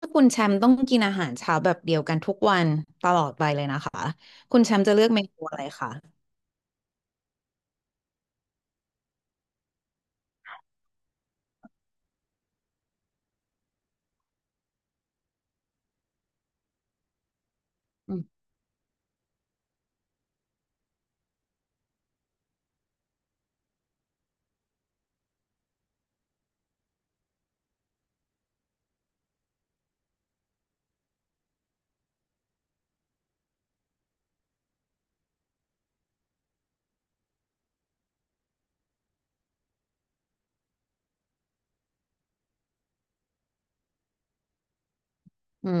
ถ้าคุณแชมป์ต้องกินอาหารเช้าแบบเดียวกันทุกวันตลอดไปเลยนะคะคุณแชมป์จะเลือกเมนูอะไรคะอืมอืม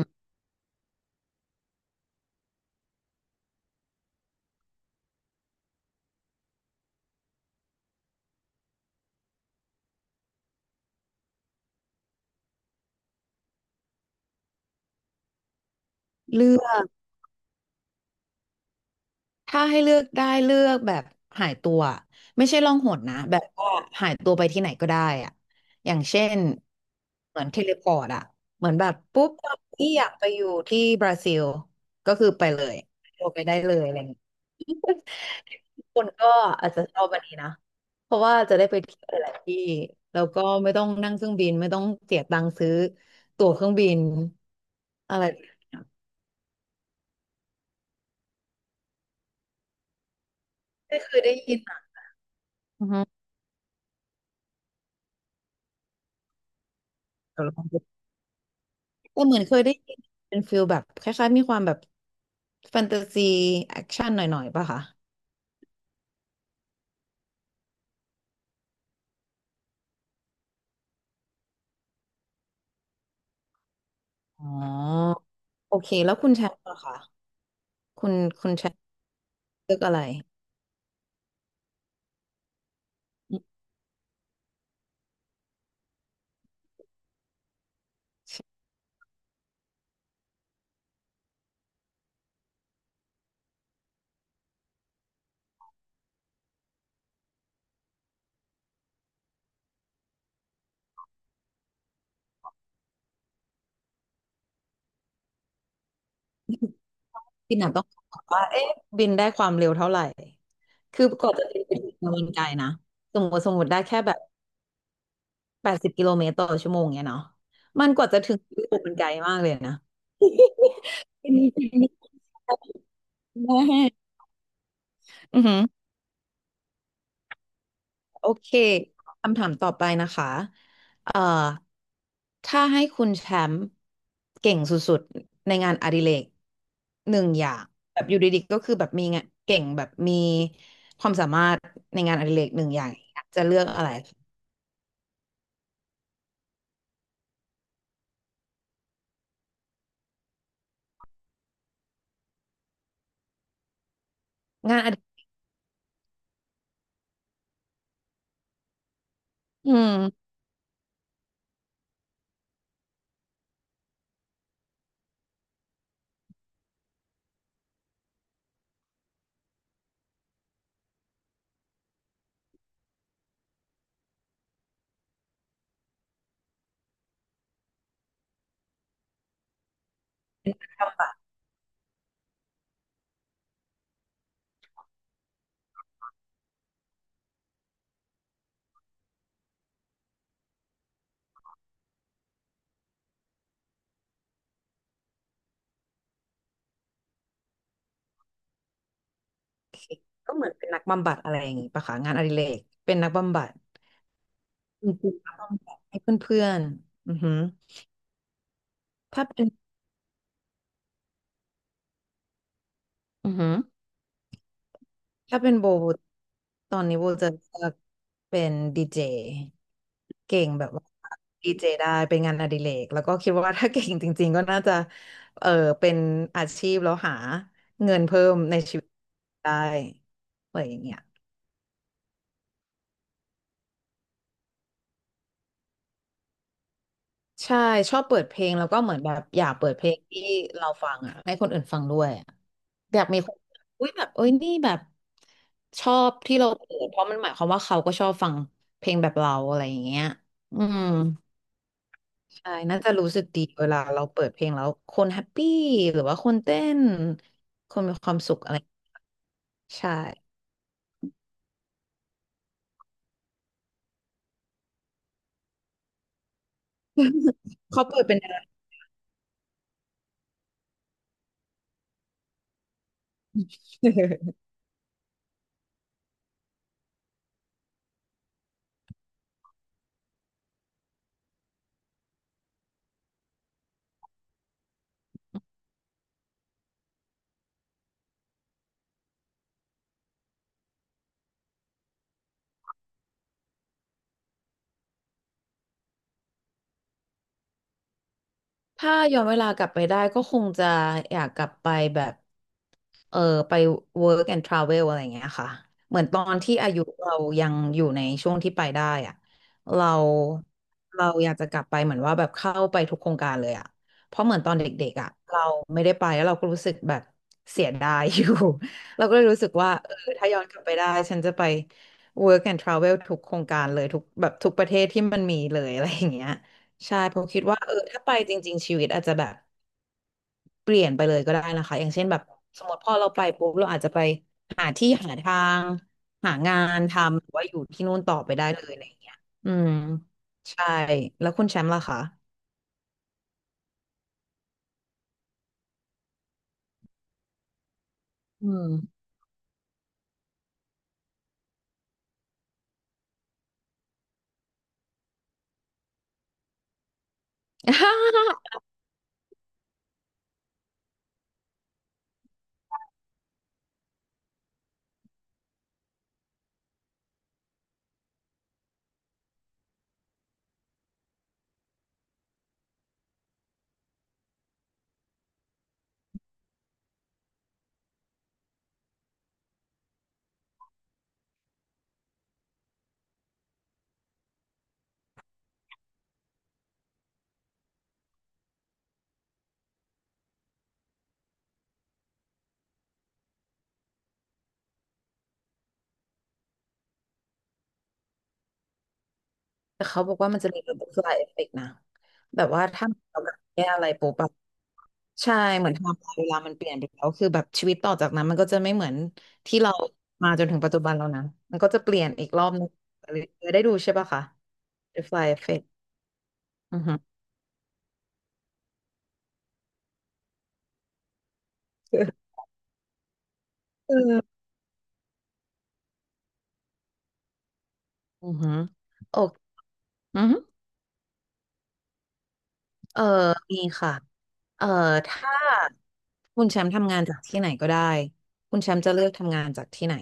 เลือกถ้าให้เลือกได้เลือกแบบหายตัวไม่ใช่ล่องหนนะแบบว่าหายตัวไปที่ไหนก็ได้อะอย่างเช่นเหมือนเทเลพอร์ตอะเหมือนแบบปุ๊บที่อยากไปอยู่ที่บราซิลก็คือไปเลยโทรไปได้เลยอะไรอย่างเงี้ย คนก็อาจจะชอบวันนี้นะเพราะว่าจะได้ไปเที่ยวหลายๆที่แล้วก็ไม่ต้องนั่งเครื่องบินไม่ต้องเสียตังค์ซื้อตั๋วเครื่องบินอะไรไม่เคยได้ยินอ่ะอือฮึเดี๋ยวลองดูแต่เหมือนเคยได้ยินเป็นฟิลแบบคล้ายๆมีความแบบแฟนตาซีแอคชั่นหน่อยๆป่ะคะอ๋อโอเคแล้วคุณแชมป์ล่ะคะคุณคุณแชมป์เลือกอะไรที่หนาต้องบอกว่าเอ๊ะบินได้ความเร็วเท่าไหร่ คือกว่าจะเดินไปถึงเนี่ยมันไกลนะสมมติได้แค่แบบ80 กิโลเมตรต่อชั่วโมงเนี่ยเนาะมันกว่าจะถึงยุโรปมันไกลมากเลยนะ ทีนี้แมอือหือโอเคคำถามต่อไปนะคะเอ่อถ้าให้คุณแชมป์เก่งสุดๆในงานอดิเรกหนึ่งอย่างแบบอยู่ดีๆก็คือแบบมีงานเก่งแบบมีความสามารถในงานอดิเรกหนึ่งอย่างจะเลือกอะไรงานอดิอืม ก็เหมือนเป็นนักบำบัดอะไรอย่างงี้ปะคะงานอดิเรกเป็นนักบำบัดอืมนักบำบัดให้เพื่อนๆอือหือถ้าเป็นอือหือถ้าเป็นโบตอนนี้โบจะเลือกเป็นดีเจเก่งแบบว่าดีเจได้เป็นงานอดิเรกแล้วก็คิดว่าถ้าเก่งจริงๆก็น่าจะเออเป็นอาชีพแล้วหาเงินเพิ่มในชีวิตได้อะไรอย่างเงี้ย ใช่ชอบเปิดเพลงแล้วก็เหมือนแบบอยากเปิดเพลงที่เราฟังอ่ะให้คนอื่นฟังด้วยอะอยากมีคนอุ้ยแบบเอ้ยนี่แบบชอบที่เราเปิดเพราะมันหมายความว่าเขาก็ชอบฟังเพลงแบบเราอะไรอย่างเงี้ยอืมใช่น่าจะรู้สึกดีเวลาเราเปิดเพลงแล้วคนแฮปปี้หรือว่าคนเต้นคนมีความสุขอะไรใช่ เขาเปิดเป็นนะ ถ้าย้อนเวลากลับไปได้ก็คงจะอยากกลับไปแบบเออไป work and travel อะไรอย่างเงี้ยค่ะเหมือนตอนที่อายุเรายังอยู่ในช่วงที่ไปได้อะเราเราอยากจะกลับไปเหมือนว่าแบบเข้าไปทุกโครงการเลยอะเพราะเหมือนตอนเด็กๆอะเราไม่ได้ไปแล้วเราก็รู้สึกแบบเสียดายอยู่ เราก็เลยรู้สึกว่าเออถ้าย้อนกลับไปได้ฉันจะไป work and travel ทุกโครงการเลยทุกแบบทุกประเทศที่มันมีเลยอะไรอย่างเงี้ย ใช่ผมคิดว่าเออถ้าไปจริงๆชีวิตอาจจะแบบเปลี่ยนไปเลยก็ได้นะคะอย่างเช่นแบบสมมติพอเราไปปุ๊บเราอาจจะไปหาที่หาทางหางานทำหรือว่าอยู่ที่นู่นต่อไปได้เลยอะไรอย่างเงี้ยอืมใช่แล้วคุณแชมป์ล่ะคะอืม แต่เขาบอกว่ามันจะมีแบบ butterfly effect นะแบบว่าถ้าเราแบบแก้อะไรปุ๊บแบบใช่เหมือนไทม์ไลน์เวลามันเปลี่ยนไปแล้วคือแบบชีวิตต่อจากนั้นมันก็จะไม่เหมือนที่เรามาจนถึงปัจจุบันแล้วนะมันก็จะเปลี่ยนอีกรอบนึงอะไรอย่างเงี้ยได้ดูใช่ปะคะ butterfly effect อือฮึ เอออือหือโอเคอือหือเออมีค่ะเออถ้าคุณแชมป์ทำงานจากที่ไหนก็ได้คุณแชมป์จะเลือกทำงานจากที่ไหน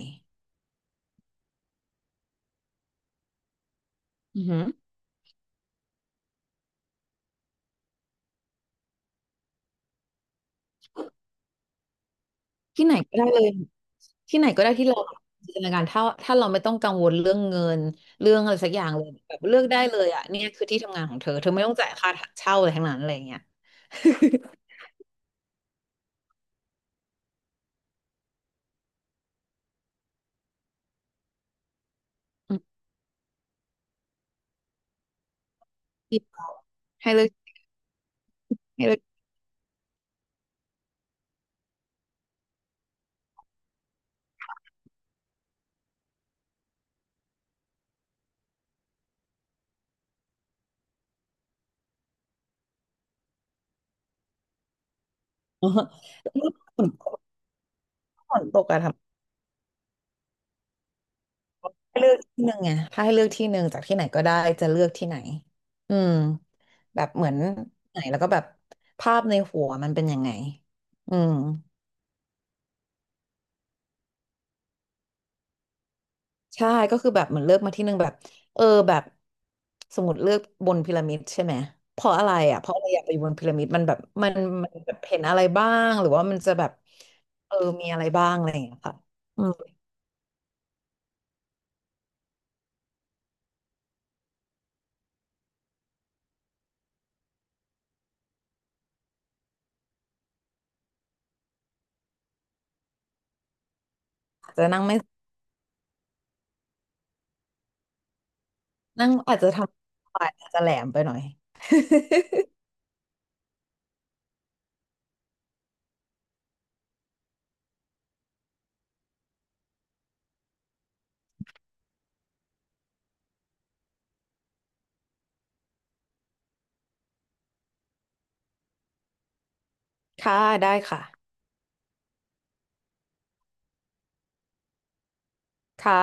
อือหือที่ไหนก็ได้เลย ที่ไหนก็ได้ที่เราจินตนาการถ้าเราไม่ต้องกังวลเรื่องเงินเรื่องอะไรสักอย่างเลยแบบเลือกได้เลยอ่ะเนี่ยคือที่ทำงานของเธอเธอไม่ต้องจ่ายค่าเช่าอะไรทั้งนั้นอะไรอย่างเงี้ย อืมให้เลือกให้เลือกอ๋อแล้วฝนตกฝนตกอะทำให้เลือกที่หนึ่งไงถ้าให้เลือกที่หนึ่งจากที่ไหนก็ได้จะเลือกที่ไหนอืมแบบเหมือนไหนแล้วก็แบบภาพในหัวมันเป็นยังไงอืม ใช่ก็คือแบบเหมือนเลือกมาที่หนึ่งแบบเออแบบสมมติเลือกบนพีระมิดใช่ไหมเพราะอะไรอ่ะเพราะอะไรอยากไปบนพีระมิดมันแบบมันมันแบบเห็นอะไรบ้างหรือว่ามันจะแบบเออมีอะไรบ้างอะไรอย่างเงี้ยค่ะอืมอาจจะนั่งไม่นั่งอาจจะทำอาจจะแหลมไปหน่อย ค่ะได้ค่ะค่ะ